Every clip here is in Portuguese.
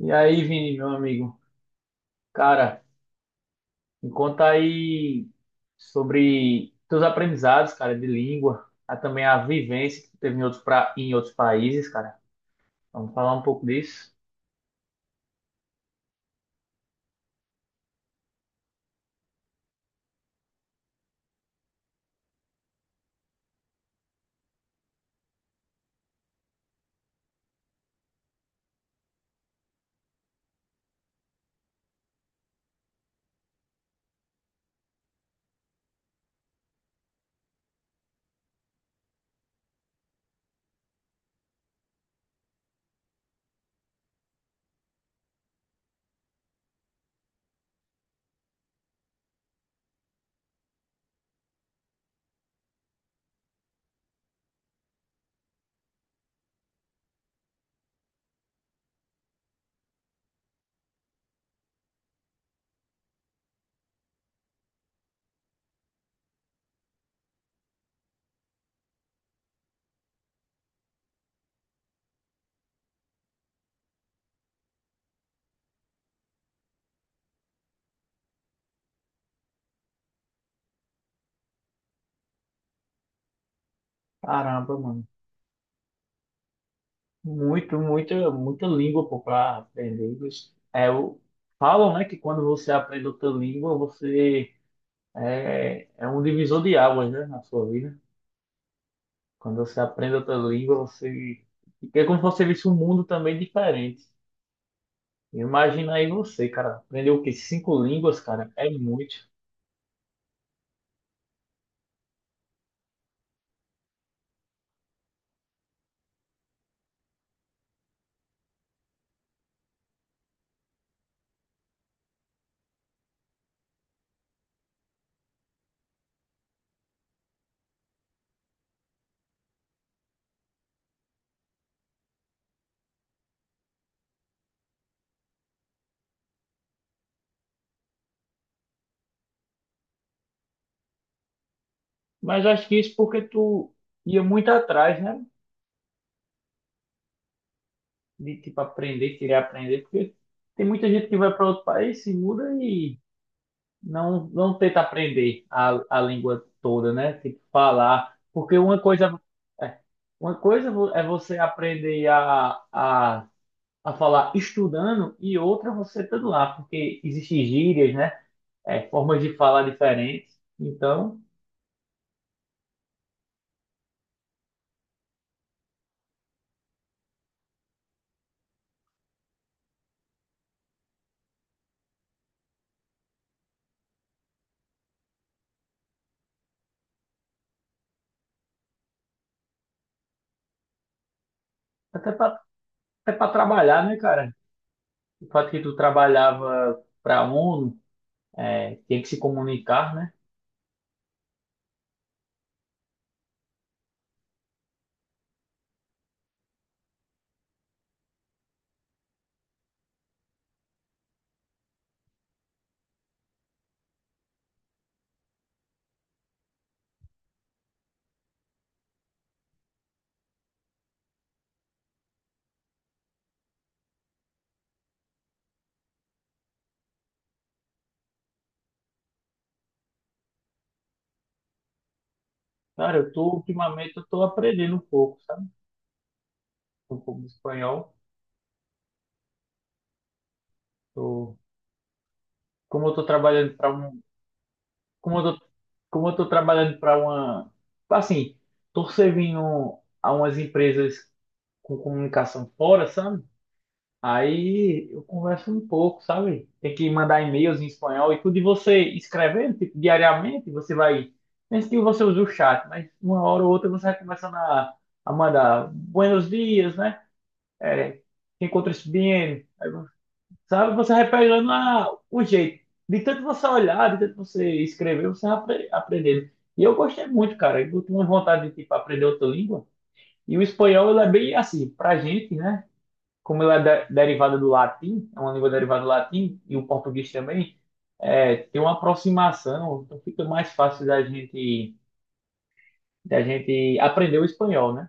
E aí, Vini, meu amigo? Cara, me conta aí sobre teus aprendizados, cara, de língua, a, também a vivência que tu teve em outros, pra, em outros países, cara. Vamos falar um pouco disso? Caramba, mano. Muito, muita, muita língua, pô, pra aprender. Isso é, falam, né, que quando você aprende outra língua, você é um divisor de águas, né, na sua vida. Quando você aprende outra língua, você é como se você visse um mundo também diferente. Imagina aí você, cara, aprender o quê? Cinco línguas, cara, é muito. Mas acho que isso porque tu ia muito atrás, né? De tipo aprender, querer aprender, porque tem muita gente que vai para outro país, se muda e não tenta aprender a língua toda, né? Tipo falar, porque uma coisa é, uma coisa é você aprender a falar estudando e outra você estando lá, porque existem gírias, né? É, formas de falar diferentes. Então é para trabalhar, né, cara? O fato que tu trabalhava para a ONU, é, tem que se comunicar, né? Cara, eu tô, ultimamente, eu tô aprendendo um pouco, sabe? Um pouco de espanhol. Tô, como eu tô trabalhando para um, como eu tô, como eu tô trabalhando para uma, assim, tô servindo a umas empresas com comunicação fora, sabe? Aí eu converso um pouco, sabe? Tem que mandar e-mails em espanhol e tudo. E você escrevendo, tipo, diariamente, você vai. Mesmo que você use o chat, mas uma hora ou outra você vai começando a mandar buenos dias, né? É, te encontras bem. Aí, sabe? Você vai pegando o jeito. De tanto você olhar, de tanto você escrever, você vai aprendendo. E eu gostei muito, cara. Eu tenho vontade de, tipo, aprender outra língua. E o espanhol, ele é bem assim, pra gente, né? Como ela é derivada do latim, é uma língua derivada do latim, e o português também, é, tem uma aproximação, então fica mais fácil da gente aprender o espanhol, né?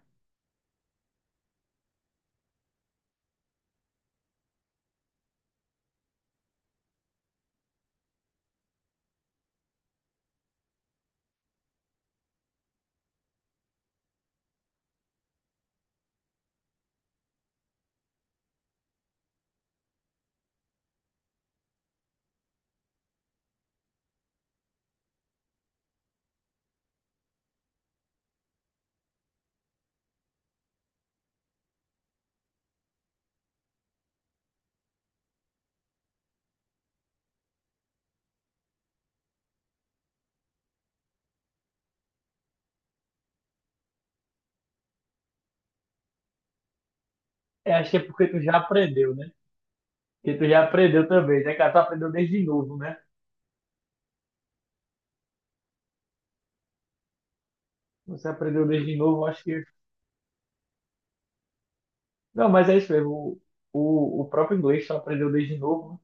É, acho que é porque tu já aprendeu, né? Porque tu já aprendeu também, né, cara? Tu aprendeu desde novo, né? Você aprendeu desde novo, acho que. Não, mas é isso mesmo. O próprio inglês tu aprendeu desde novo.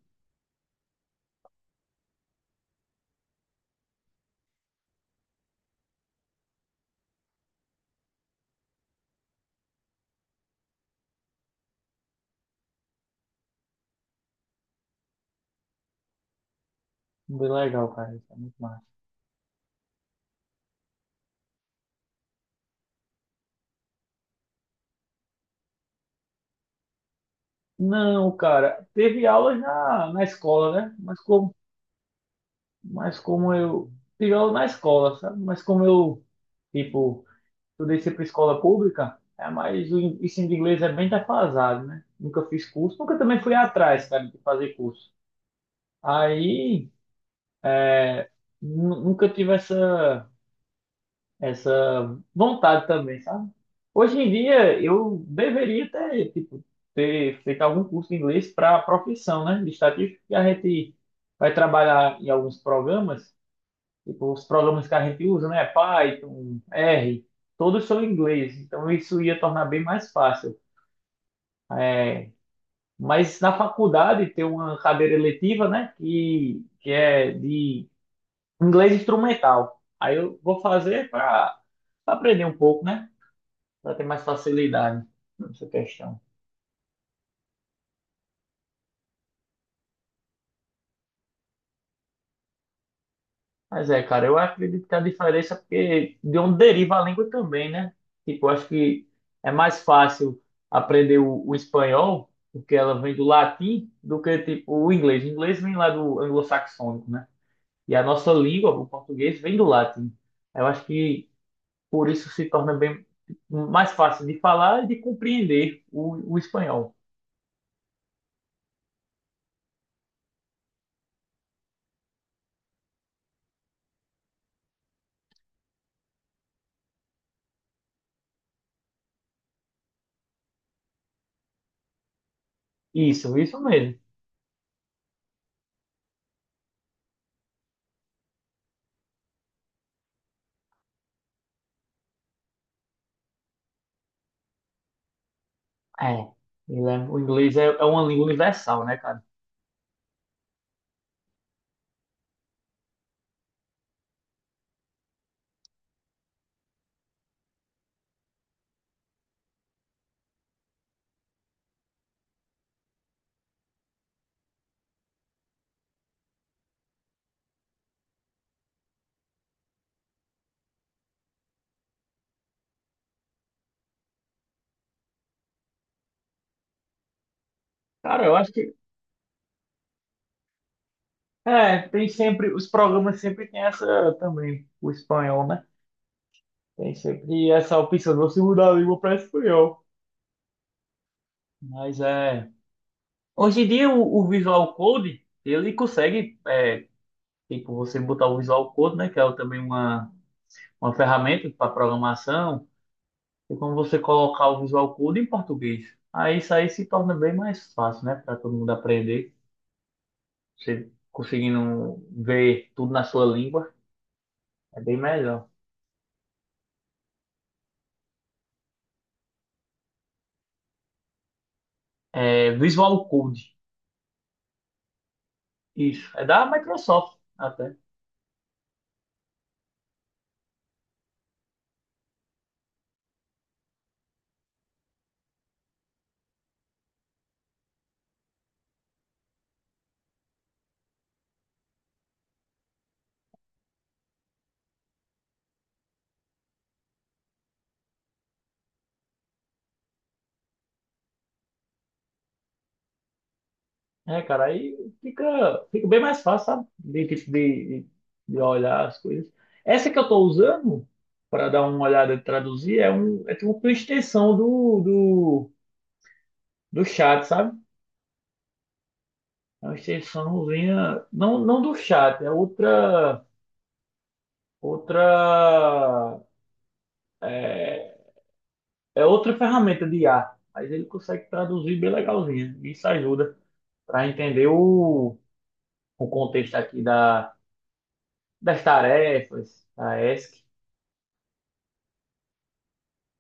Né? Bem legal, cara. Isso é muito massa. Não, cara, teve aulas na escola, né? Mas como eu. Pior na escola, sabe? Mas como eu, tipo, estudei sempre em escola pública, é, mas o ensino de inglês é bem defasado, né? Nunca fiz curso, nunca também fui atrás, cara, de fazer curso. Aí, nunca tive essa, essa vontade também, sabe? Hoje em dia, eu deveria ter, tipo, ter feito algum curso de inglês para a profissão, né? De estatística, que a gente vai trabalhar em alguns programas. Tipo, os programas que a gente usa, né? Python, R, todos são em inglês, então isso ia tornar bem mais fácil. É, mas na faculdade tem uma cadeira eletiva, né? Que é de inglês instrumental. Aí eu vou fazer para aprender um pouco, né? Para ter mais facilidade nessa questão. Mas é, cara, eu acredito que a diferença é porque de onde deriva a língua também, né? Tipo, eu acho que é mais fácil aprender o espanhol, porque ela vem do latim, do que tipo o inglês. O inglês vem lá do anglo-saxônico, né? E a nossa língua, o português, vem do latim. Eu acho que por isso se torna bem mais fácil de falar e de compreender o espanhol. Isso mesmo. É, o inglês é, é uma língua universal, né, cara? Cara, eu acho que é, tem sempre, os programas sempre tem essa também, o espanhol, né? Tem sempre essa opção de você mudar a língua para espanhol. Mas é. Hoje em dia o Visual Code, ele consegue, é, tipo, você botar o Visual Code, né? Que é também uma ferramenta para programação, e como você colocar o Visual Code em português. Aí isso aí se torna bem mais fácil, né? Para todo mundo aprender. Você conseguindo ver tudo na sua língua, é bem melhor. É Visual Code. Isso, é da Microsoft até. É, cara, aí fica, fica bem mais fácil, sabe? De olhar as coisas. Essa que eu tô usando, para dar uma olhada e traduzir, é, um, é tipo uma extensão do chat, sabe? É uma extensãozinha, não do chat, é outra, outra, é outra ferramenta de IA. Mas ele consegue traduzir bem legalzinha. Isso ajuda para entender o contexto aqui da das tarefas, a ESC.